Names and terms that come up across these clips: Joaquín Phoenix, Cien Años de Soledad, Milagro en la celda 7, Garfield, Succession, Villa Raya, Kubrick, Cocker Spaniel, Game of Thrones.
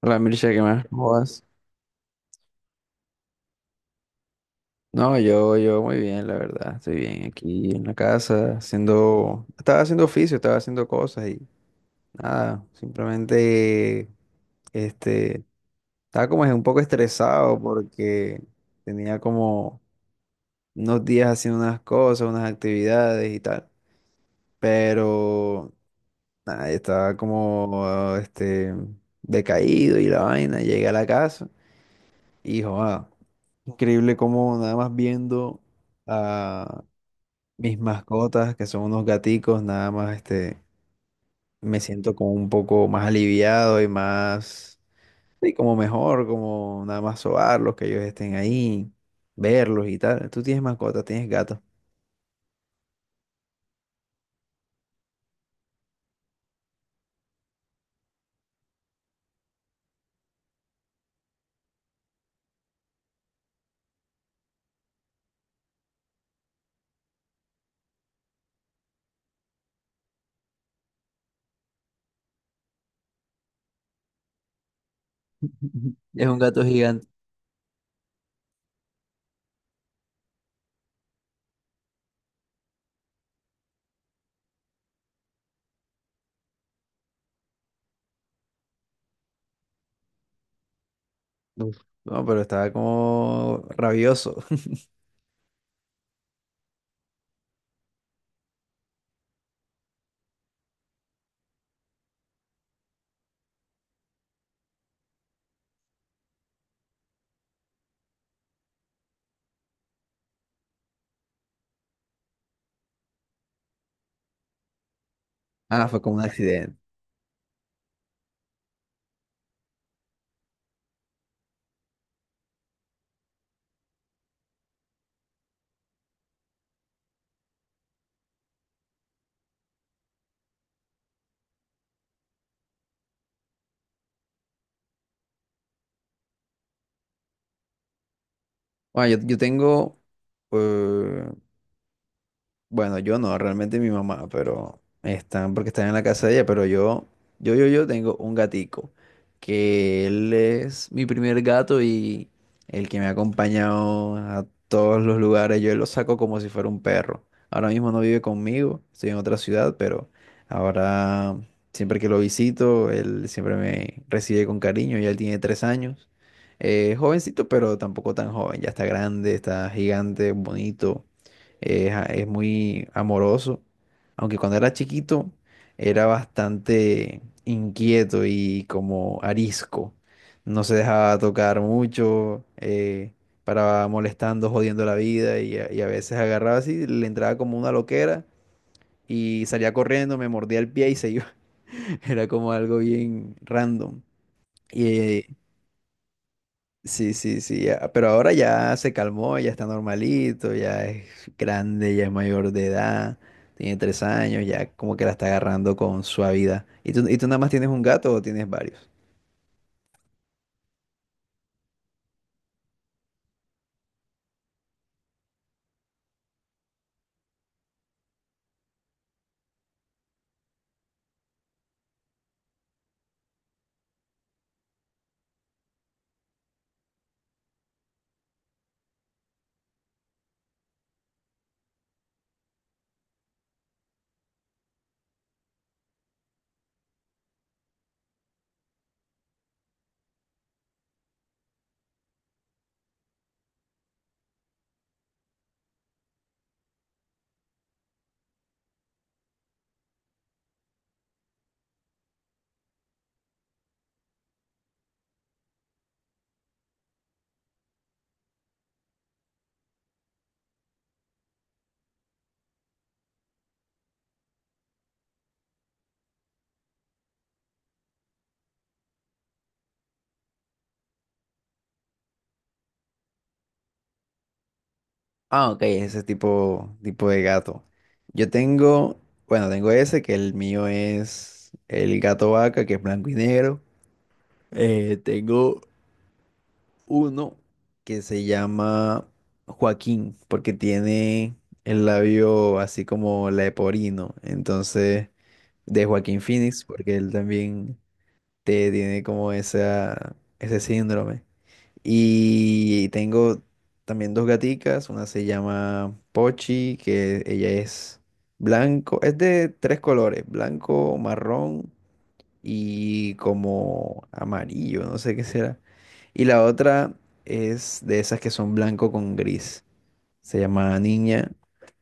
Hola Mircha, ¿qué más? ¿Cómo vas? No, yo muy bien, la verdad. Estoy bien aquí en la casa, estaba haciendo oficio, estaba haciendo cosas y nada, simplemente, este, estaba como un poco estresado porque tenía como unos días haciendo unas cosas, unas actividades y tal, pero nada, estaba como, decaído y la vaina. Llegué a la casa. Y joda, increíble cómo nada más viendo a mis mascotas, que son unos gaticos, nada más me siento como un poco más aliviado y más, sí, como mejor, como nada más sobarlos, que ellos estén ahí, verlos y tal. Tú tienes mascotas, tienes gatos. Es un gato gigante. Uf. No, pero estaba como rabioso. Ah, fue como un accidente. Bueno, eh, Bueno, yo no, realmente mi mamá, pero están porque están en la casa de ella, pero yo tengo un gatico, que él es mi primer gato y el que me ha acompañado a todos los lugares, yo lo saco como si fuera un perro. Ahora mismo no vive conmigo, estoy en otra ciudad, pero ahora siempre que lo visito, él siempre me recibe con cariño, ya él tiene 3 años. Jovencito, pero tampoco tan joven, ya está grande, está gigante, bonito es, es muy amoroso, aunque cuando era chiquito era bastante inquieto y como arisco. No se dejaba tocar mucho, paraba molestando, jodiendo la vida y a veces agarraba así, le entraba como una loquera y salía corriendo, me mordía el pie y se iba. Era como algo bien random. Sí, sí, sí, ya, pero ahora ya se calmó, ya está normalito, ya es grande, ya es mayor de edad, tiene 3 años, ya como que la está agarrando con suavidad. Y tú nada más tienes un gato o tienes varios? Ah, ok, ese tipo, tipo de gato. Yo tengo, bueno, tengo ese, que el mío es el gato vaca, que es blanco y negro. Tengo uno que se llama Joaquín, porque tiene el labio así como leporino. Entonces, de Joaquín Phoenix, porque él también te tiene como esa, ese síndrome. Y tengo también dos gaticas, una se llama Pochi, que ella es blanco, es de tres colores, blanco, marrón y como amarillo, no sé qué será. Y la otra es de esas que son blanco con gris. Se llama Niña.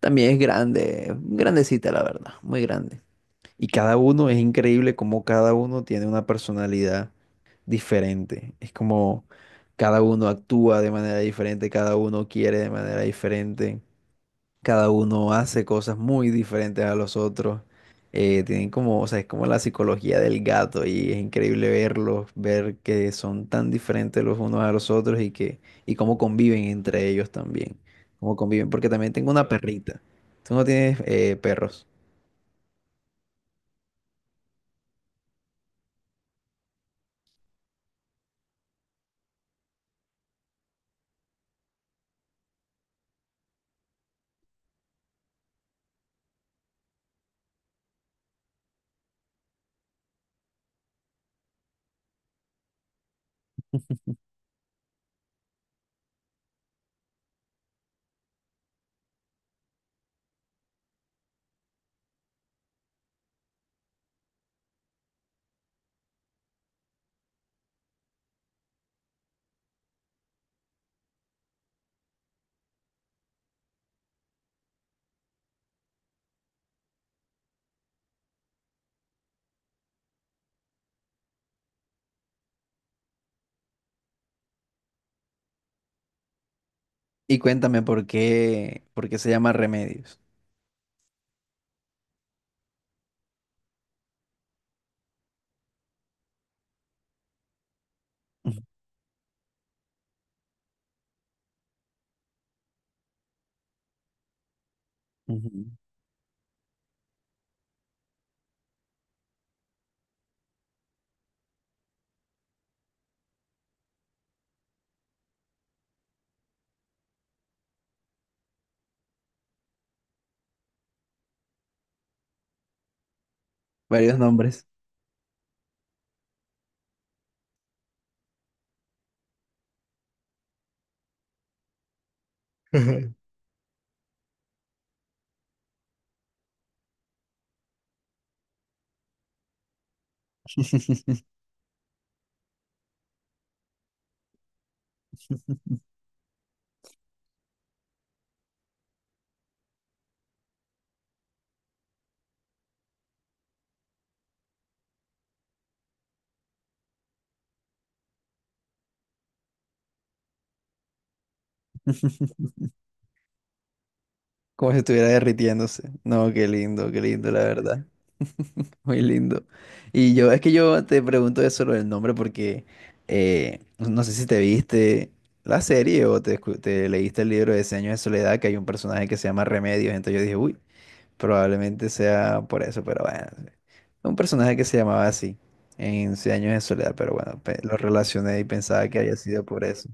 También es grande, grandecita la verdad, muy grande. Y cada uno es increíble como cada uno tiene una personalidad diferente. Es como cada uno actúa de manera diferente, cada uno quiere de manera diferente, cada uno hace cosas muy diferentes a los otros. Tienen como, o sea, es como la psicología del gato y es increíble verlos, ver que son tan diferentes los unos a los otros y que, y cómo conviven entre ellos también. Cómo conviven, porque también tengo una, claro, perrita. Tú no tienes, perros. Y cuéntame por qué, se llama Remedios. Ujú. Ujú. Varios nombres. Como si estuviera derritiéndose. No, qué lindo, la verdad. Muy lindo. Y yo, es que yo te pregunto eso lo del nombre porque, no sé si te viste la serie o te leíste el libro de Seños de Soledad, que hay un personaje que se llama Remedios. Entonces yo dije, uy, probablemente sea por eso, pero bueno. Sí. Un personaje que se llamaba así en Cien Años de Soledad, pero bueno, lo relacioné y pensaba que había sido por eso.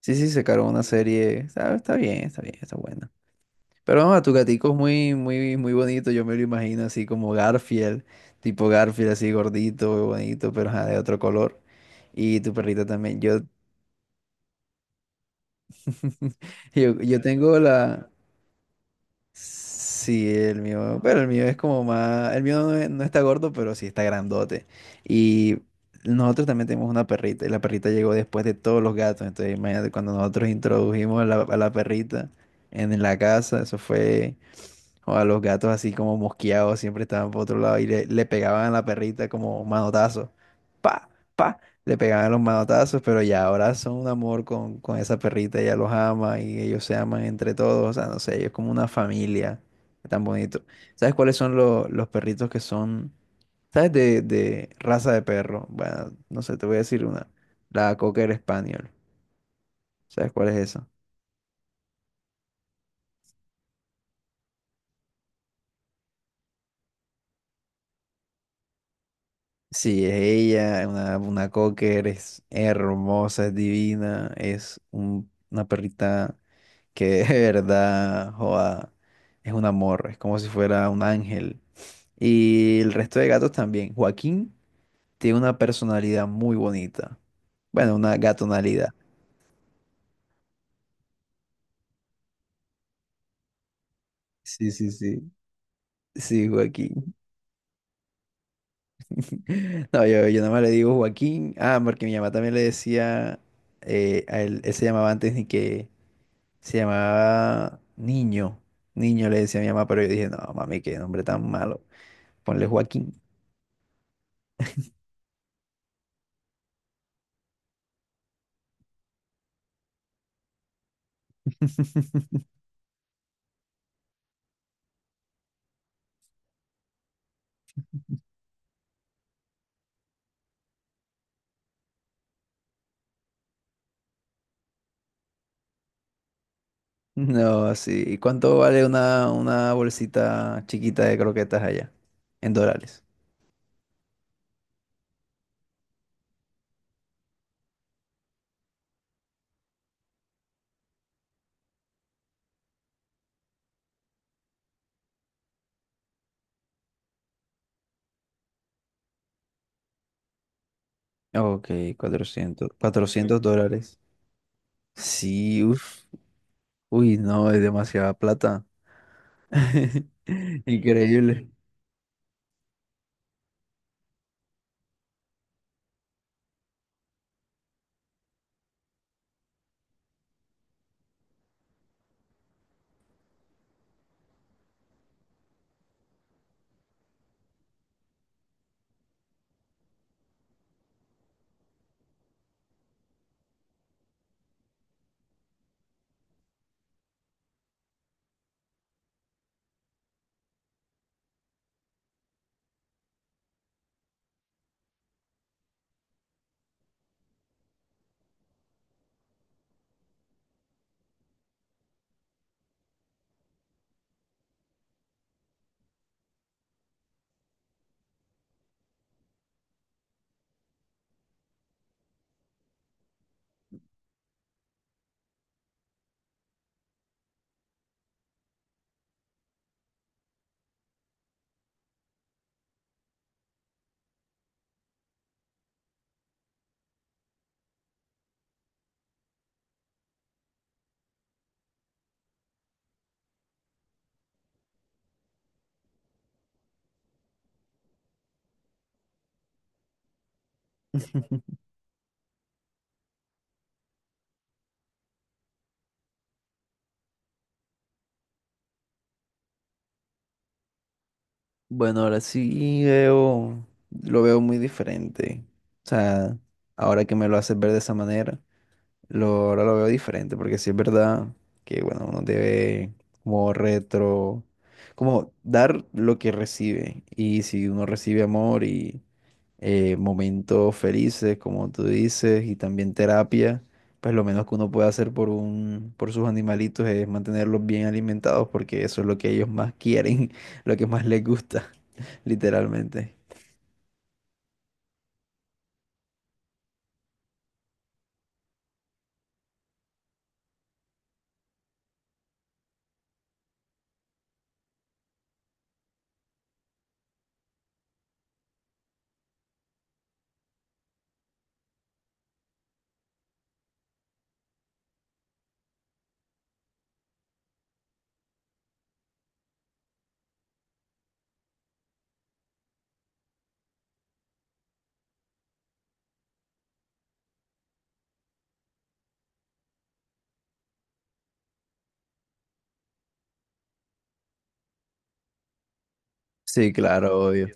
Sí, sí, sacaron una serie. Está bien, está bien, está buena. Pero no, tu gatico es muy, muy, muy bonito. Yo me lo imagino así como Garfield, tipo Garfield, así gordito, bonito, pero ajá, de otro color. Y tu perrito también. Yo, yo tengo la. Sí, el mío. Pero el mío es como más. El mío no, no está gordo, pero sí está grandote. Y nosotros también tenemos una perrita. Y la perrita llegó después de todos los gatos. Entonces, imagínate cuando nosotros introdujimos a la perrita en la casa, eso fue. O a los gatos así como mosqueados, siempre estaban por otro lado y le pegaban a la perrita como manotazos. Pa, pa, le pegaban los manotazos, pero ya ahora son un amor con esa perrita, ella los ama y ellos se aman entre todos, o sea, no sé, ellos como una familia, tan bonito. ¿Sabes cuáles son los perritos que son, sabes, de raza de perro? Bueno, no sé, te voy a decir una, la Cocker Spaniel, ¿sabes cuál es esa? Sí, es ella, una cocker, es hermosa, es divina, es una perrita que de verdad, joda, es un amor, es como si fuera un ángel. Y el resto de gatos también. Joaquín tiene una personalidad muy bonita. Bueno, una gatonalidad. Sí, sí, sí. Sí, Joaquín. No, yo nada más le digo Joaquín. Ah, porque mi mamá también le decía, a él se llamaba antes Nique. Se llamaba Niño. Niño le decía a mi mamá, pero yo dije, no, mami, qué nombre tan malo. Ponle Joaquín. No, sí. ¿Y cuánto vale una bolsita chiquita de croquetas allá? En dólares. Ok, cuatrocientos dólares. Sí, uff. Uy, no, es demasiada plata. Increíble. Bueno, ahora sí veo, lo veo muy diferente. O sea, ahora que me lo haces ver de esa manera. Lo, ahora lo veo diferente, porque sí es verdad que, bueno, uno debe como retro, como dar lo que recibe. Y si uno recibe amor y, momentos felices, como tú dices, y también terapia, pues lo menos que uno puede hacer por sus animalitos es mantenerlos bien alimentados, porque eso es lo que ellos más quieren, lo que más les gusta, literalmente. Sí, claro, obvio.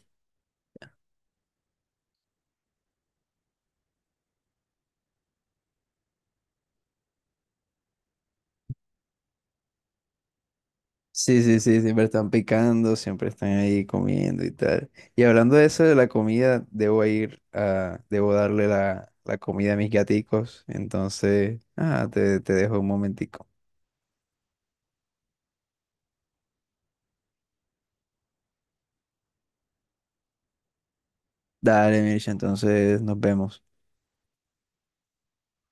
Sí, sí, sí, siempre están picando, siempre están ahí comiendo y tal. Y hablando de eso de la comida, debo ir a, debo darle la comida a mis gaticos. Entonces, ah, te dejo un momentico. Dale, Mircha, entonces nos vemos.